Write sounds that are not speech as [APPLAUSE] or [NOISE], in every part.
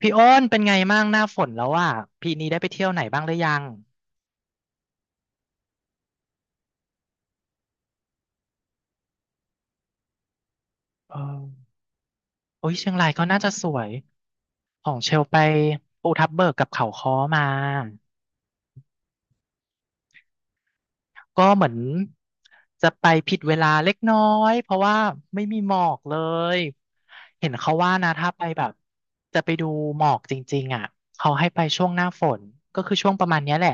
พี่อ้นเป็นไงมั่งหน้าฝนแล้วอ่ะปีนี้ได้ไปเที่ยวไหนบ้างหรือยังเออโอ้ยเชียงรายก็น่าจะสวยของเชลไปภูทับเบิกกับเขาค้อมาก็เหมือนจะไปผิดเวลาเล็กน้อยเพราะว่าไม่มีหมอกเลยเห็นเขาว่านะถ้าไปแบบจะไปดูหมอกจริงๆอ่ะเขาให้ไปช่วงหน้าฝนก็คือช่วงประมาณเนี้ยแหละ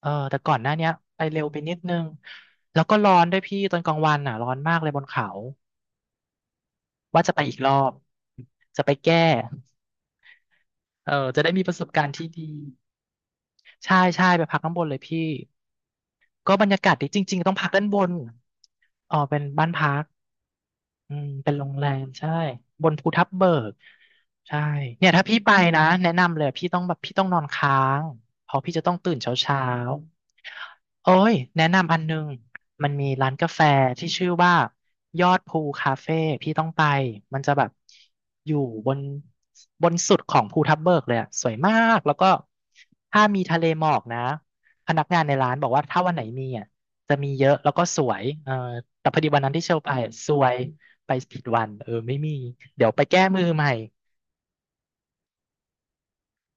เออแต่ก่อนหน้าเนี้ยไปเร็วไปนิดนึงแล้วก็ร้อนด้วยพี่ตอนกลางวันอ่ะร้อนมากเลยบนเขา ว่าจะไปอีกรอบ จะไปแก้เออจะได้มีประสบการณ์ที่ดี ใช่ใช่ไปพักข้างบนเลยพี่ ก็บรรยากาศดีจริงๆต้องพักด้านบนอ๋อเป็นบ้านพัก อืมเป็นโรงแรมใช่บนภูทับเบิกใช่เนี่ยถ้าพี่ไปนะแนะนำเลยพี่ต้องแบบพี่ต้องนอนค้างเพราะพี่จะต้องตื่นเช้าเช้าโอ้ยแนะนำอันนึงมีร้านกาแฟที่ชื่อว่ายอดภูคาเฟ่พี่ต้องไปมันจะแบบอยู่บนบนสุดของภูทับเบิกเลยอะสวยมากแล้วก็ถ้ามีทะเลหมอกนะพนักงานในร้านบอกว่าถ้าวันไหนมีจะมีเยอะแล้วก็สวยเออแต่พอดีวันนั้นที่เชลไปอะสวย ไปผิดวันเออไม่มีเดี๋ยวไปแก้มือใหม่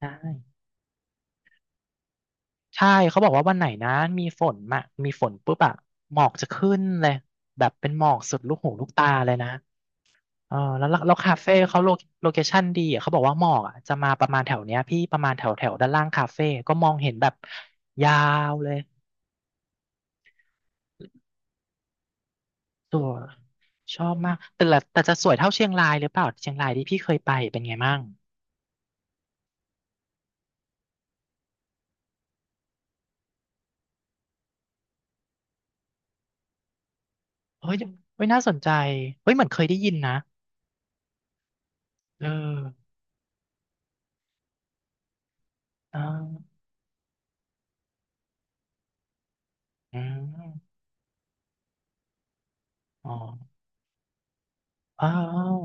ใช่ใช่เขาบอกว่าวันไหนนะมีฝนมะมีฝนปุ๊บอะหมอกจะขึ้นเลยแบบเป็นหมอกสุดลูกหูลูกตาเลยนะเออแล้วคาเฟ่เขาโลโลเคชั่นดีอะเขาบอกว่าหมอกอะจะมาประมาณแถวเนี้ยพี่ประมาณแถวแถวด้านล่างคาเฟ่ก็มองเห็นแบบยาวเลยสวยชอบมากแต่ละแต่จะสวยเท่าเชียงรายหรือเปล่าเชียงรายที่พี่เคยไปเป็นไงมั่งเฮ้ยเฮ้ยน่าสนใจเฮ้ยเหมือนเคยได้ยินนะเออเอ่ อืมอ๋ออ้าว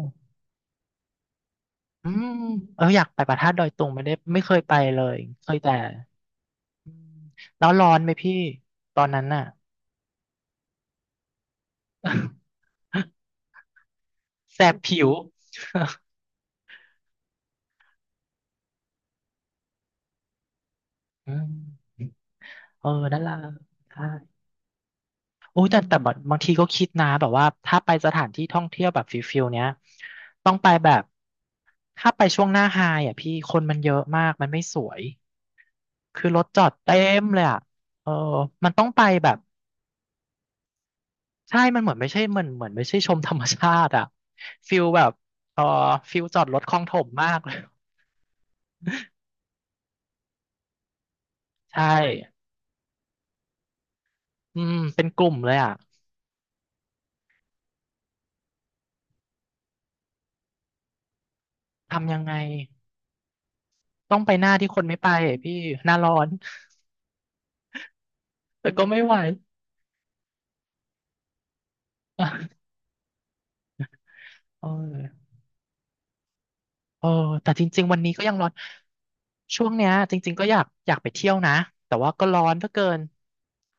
อืมเอออยากไปพระธาตุดอยตุงไม่ได้ไม่เคยไปเลย เคยแต่อืมแล้วร้อนไหมพี่ตอนนั้นน่ะ [LAUGHS] แสบผิว อืมเออนั่นล่ะใช่โอ้ยแต่บางทีก็คิดนะแบบว่าถ้าไปสถานที่ท่องเที่ยวแบบฟิลเนี้ยต้องไปแบบถ้าไปช่วงหน้าไฮอ่ะพี่คนมันเยอะมากมันไม่สวยคือรถจอดเต็มเลยอ่ะเออมันต้องไปแบบ ใช่มันเหมือนไม่ใช่มันเหมือนไม่ใช่ชมธรรมชาติอะฟิลแบบเออฟิลจอดรถคลองถมมากเลยใช่อืมเป็นกลุ่มเลยอะทำยังไงต้องไปหน้าที่คนไม่ไปพี่หน้าร้อนแต่ก็ไม่ไหว [LAUGHS] อะเออเออแต่จริงๆวันนี้ก็ยังร้อนช่วงเนี้ยจริงๆก็อยากไปเที่ยวนะแต่ว่าก็ร้อนเหลือเกิน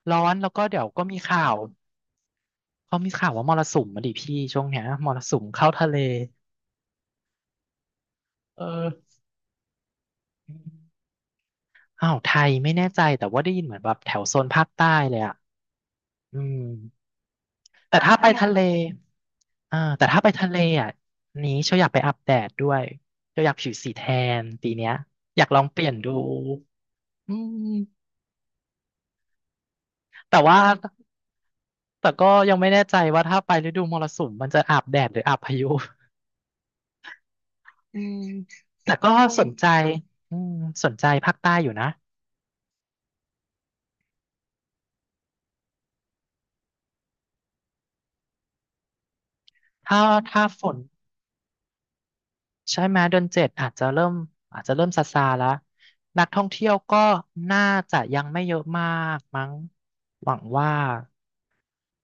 ร้อนแล้วก็เดี๋ยวก็มีข่าวเขามีข่าวว่ามรสุมมาดิพี่ช่วงเนี้ยมรสุมเข้าทะเลเออ อ้าวไทยไม่แน่ใจแต่ว่าได้ยินเหมือนแบบแถวโซนภาคใต้เลยอ่ะอืมแต่ถ้าไปทะเลอ่าแต่ถ้าไปทะเลอ่ะนี้เชียวอยากไปอาบแดดด้วยเชียวอยากผิวสีแทนปีเนี้ยอยากลองเปลี่ยนดูอืมแต่ว่าแต่ก็ยังไม่แน่ใจว่าถ้าไปฤดูมรสุมมันจะอาบแดดหรืออาบพายุ [LAUGHS] แต่ก็สนใจอืมสนใจภาคใต้อยู่นะถ้าถ้าฝน ใช่ไหมเดือนเจ็ดอาจจะเริ่มอาจจะเริ่มซาซาแล้วนักท่องเที่ยวก็น่าจะยังไม่เยอะมากมั้งหวังว่า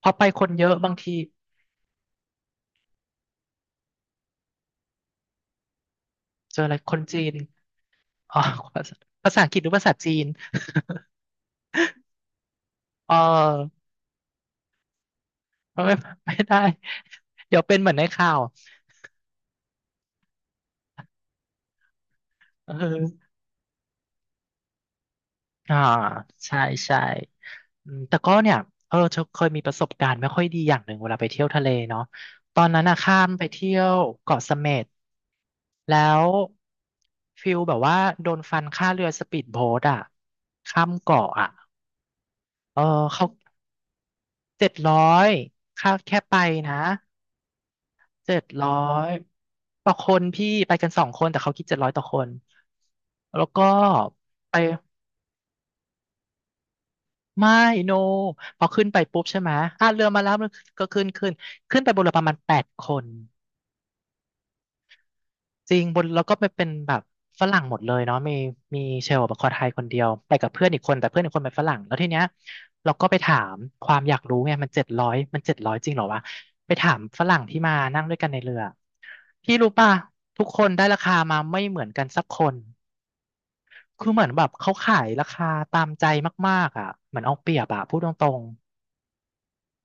พอไปคนเยอะบางทีเจออะไรคนจีนอ๋อ [LAUGHS] ภาษาอังกฤษหรือภาษาจีนเออไม่ไม่ได้เดี๋ยวเป็นเหมือนในข่าวเอออ่าใช่ใช่ อืมแต่ก็เนี่ยเออเธอเคยมีประสบการณ์ไม่ค่อยดีอย่างหนึ่งเวลาไปเที่ยวทะเลเนาะ ตอนนั้นอะข้ามไปเที่ยวเกาะเสม็ดแล้วฟิลแบบว่าโดนฟันค่าเรือสปีดโบ๊ทอะข้ามเกาะอะเออเขาเจ็ดร้อยค่าแค่ไปนะเจ็ดร้อยต่อคนพี่ไปกันสองคนแต่เขาคิดเจ็ดร้อยต่อคนแล้วก็ไปไม่โนพอขึ้นไปปุ๊บใช่ไหมอ่ะเรือมาแล้วมันก็ขึ้นไปบนเรือประมาณแปดคน จริง บนแล้วก็ไปเป็นแบบฝรั่งหมดเลยเนาะมีเชลล์แบบคนไทยคนเดียวไปกับเพื่อนอีกคนแต่เพื่อนอีกคนเป็นฝรั่งแล้วทีเนี้ยเราก็ไปถามความอยากรู้ไงมันเจ็ดร้อยมันเจ็ดร้อยจริงเหรอวะไปถามฝรั่งที่มานั่งด้วยกันในเรือพี่รู้ป่ะทุกคนได้ราคามาไม่เหมือนกันสักคนคือเหมือนแบบเขาขายราคาตามใจมากๆอ่ะเหมือนเอาเปรียบอ่ะพูดตรง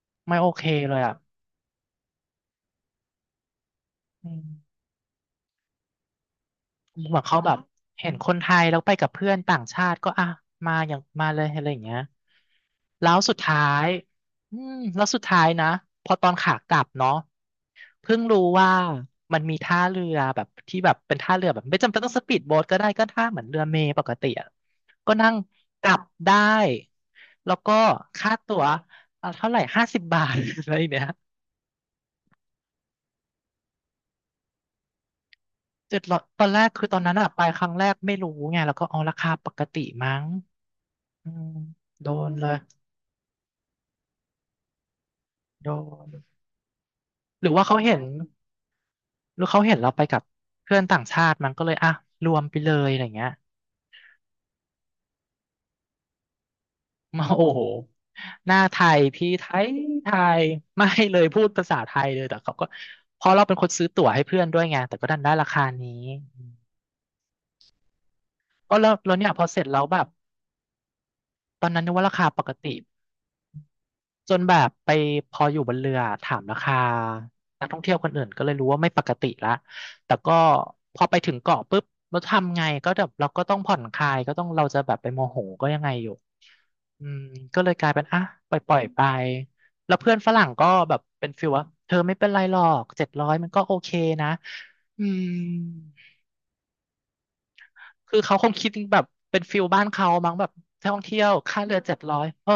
ๆไม่โอเคเลยอ่ะอืม แบบเขาอแบบมเห็นคนไทยแล้วไปกับเพื่อนต่างชาติก็อ่ะมาอย่างมาเลยอะไรอย่างเงี้ยแล้วสุดท้ายอืมแล้วสุดท้ายนะพอตอนขากลับเนาะเพิ่งรู้ว่ามันมีท่าเรือแบบที่แบบเป็นท่าเรือแบบไม่จำเป็นต้องสปีดโบ๊ทก็ได้ก็ท่าเหมือนเรือเมล์ปกติอะก็นั่งกลับได้แล้วก็ค่าตั๋วเท่าไหร่ห้าสิบบาท [LAUGHS] อะไรเนี่ย700ตอนแรกคือตอนนั้นอะไปครั้งแรกไม่รู้ไงแล้วก็อ๋อราคาปกติมั้ง อืมโดนเลยโดนหรือว่าเขาเห็นหรือเขาเห็นเราไปกับเพื่อนต่างชาติมันก็เลยอ่ะรวมไปเลยอะไรเงี้ยมาโอ้โหหน้าไทยพี่ไทยไทยไม่เลยพูดภาษาไทยเลยแต่เขาก็เพราะเราเป็นคนซื้อตั๋วให้เพื่อนด้วยไงแต่ก็ดันได้ราคานี้ก็แล้วแล้วเนี่ยพอเสร็จแล้วแบบตอนนั้นนึกว่าราคาปกติ จนแบบไปพออยู่บนเรือถามราคานักท่องเที่ยวคนอื่นก็เลยรู้ว่าไม่ปกติละแต่ก็พอไปถึงเกาะปุ๊บเราทำไงก็แบบเราก็ต้องผ่อนคลายก็ต้องเราจะแบบไปโมโหก็ยังไงอยู่อืมก็เลยกลายเป็นอ่ะปล่อยไปแล้วเพื่อนฝรั่งก็แบบเป็นฟิลว่าเธอไม่เป็นไรหรอกเจ็ดร้อยมันก็โอเคนะอืมคือเขาคงคิดแบบเป็นฟิลบ้านเขามั้งแบบท่องเที่ยวค่าเรือเจ็ดร้อยเออ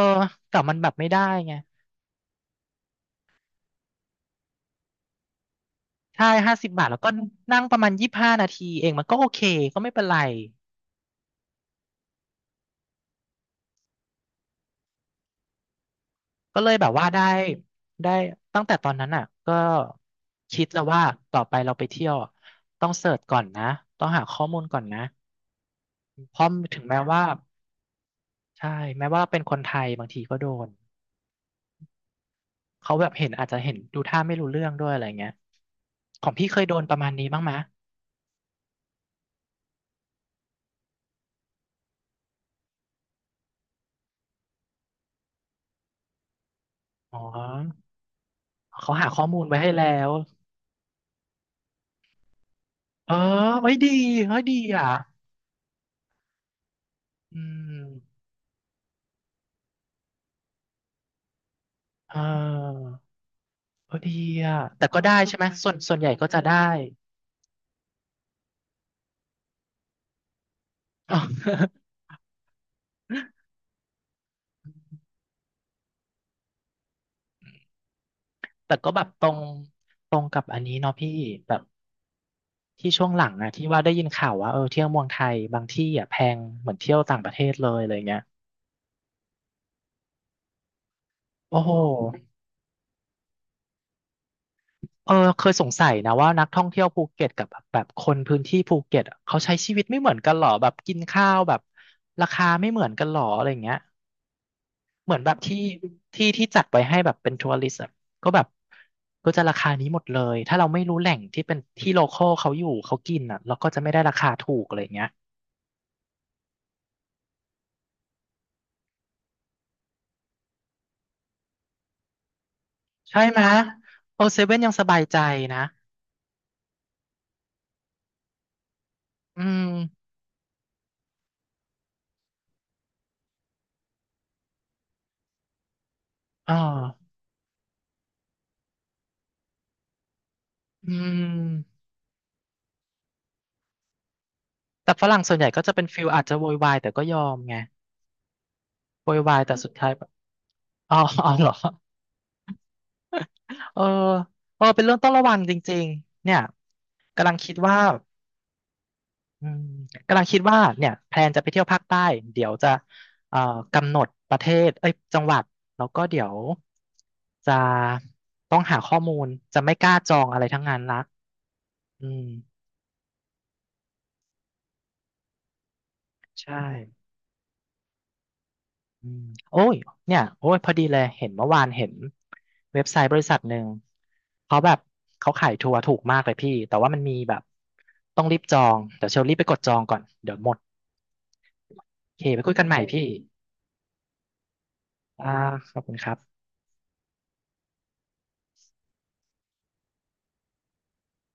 แต่มันแบบไม่ได้ไง ใช่50 บาทแล้วก็นั่งประมาณ25 นาทีเองมันก็โอเคก็ไม่เป็นไรก็เลยแบบว่าได้ได้ตั้งแต่ตอนนั้นอ่ะก็คิดแล้วว่าต่อไปเราไปเที่ยวอะต้องเสิร์ชก่อนนะต้องหาข้อมูลก่อนนะเพราะถึงแม้ว่าใช่แม้ว่าเราเป็นคนไทยบางทีก็โดนเขาแบบเห็นอาจจะเห็นดูท่าไม่รู้เรื่องด้วยอะไรเงี้ยของพี่เคยโดนประมาณนี้บ้างไหมอ๋อเขาหาข้อมูลไว้ให้แล้วเออเฮ้ยดีเฮ้ยดีอ่ะอืมเออ ก็ดีอ่ะแต่ก็ได้ใช่ไหมส่วนใหญ่ก็จะได้อ๋อ [LAUGHS] แต่ก็แบบตรงกับอันนี้เนาะพี่แบบที่ช่วงหลังอะที่ว่าได้ยินข่าวว่าเออเที่ยวเมืองไทยบางที่อะแพงเหมือนเที่ยวต่างประเทศเลยอะไรเงี้ยโอ้โหเออเคยสงสัยนะว่านักท่องเที่ยวภูเก็ตกับแบบคนพื้นที่ภูเก็ตอะเขาใช้ชีวิตไม่เหมือนกันหรอแบบกินข้าวแบบราคาไม่เหมือนกันหรออะไรเงี้ย เหมือนแบบที่ที่ที่จัดไว้ให้แบบเป็นทัวริสต์อะก็แบบก็จะราคานี้หมดเลยถ้าเราไม่รู้แหล่งที่เป็นที่โลคอลเขาอยู่เขากินอ่ะเราก็จะไม่ได้ราคาถูกอะไรอย่างเงี้ยใช่ไหมยโอเซเว่นยังสบายใจนะอืมอ่าอืมแต่ฝรั่งส่วนใหญ่ก็จะเป็นฟิลอาจจะโวยวายแต่ก็ยอมไงโวยวายแต่สุดท้ายแบบอ๋ออ๋อเหรอเออเออเป็นเรื่องต้องระวังจริงๆเนี่ยกำลังคิดว่า อืมกำลังคิดว่าเนี่ยแพลนจะไปเที่ยวภาคใต้เดี๋ยวจะเอ่อกำหนดประเทศเอ้ยจังหวัดแล้วก็เดี๋ยวจะต้องหาข้อมูลจะไม่กล้าจองอะไรทั้งนั้นละอืมใช่อืมโอ้ยเนี่ยโอ้ยพอดีเลยเห็นเมื่อวานเห็นเว็บไซต์บริษัทหนึ่งเขาแบบเขาขายทัวร์ถูกมากเลยพี่แต่ว่ามันมีแบบต้องรีบจองเดี๋ยวเชลรีบไปกดจองก่อนเดี๋ยวหมดโอเคไปคุยกันใหม่พี่อ่าขอบคุณครับ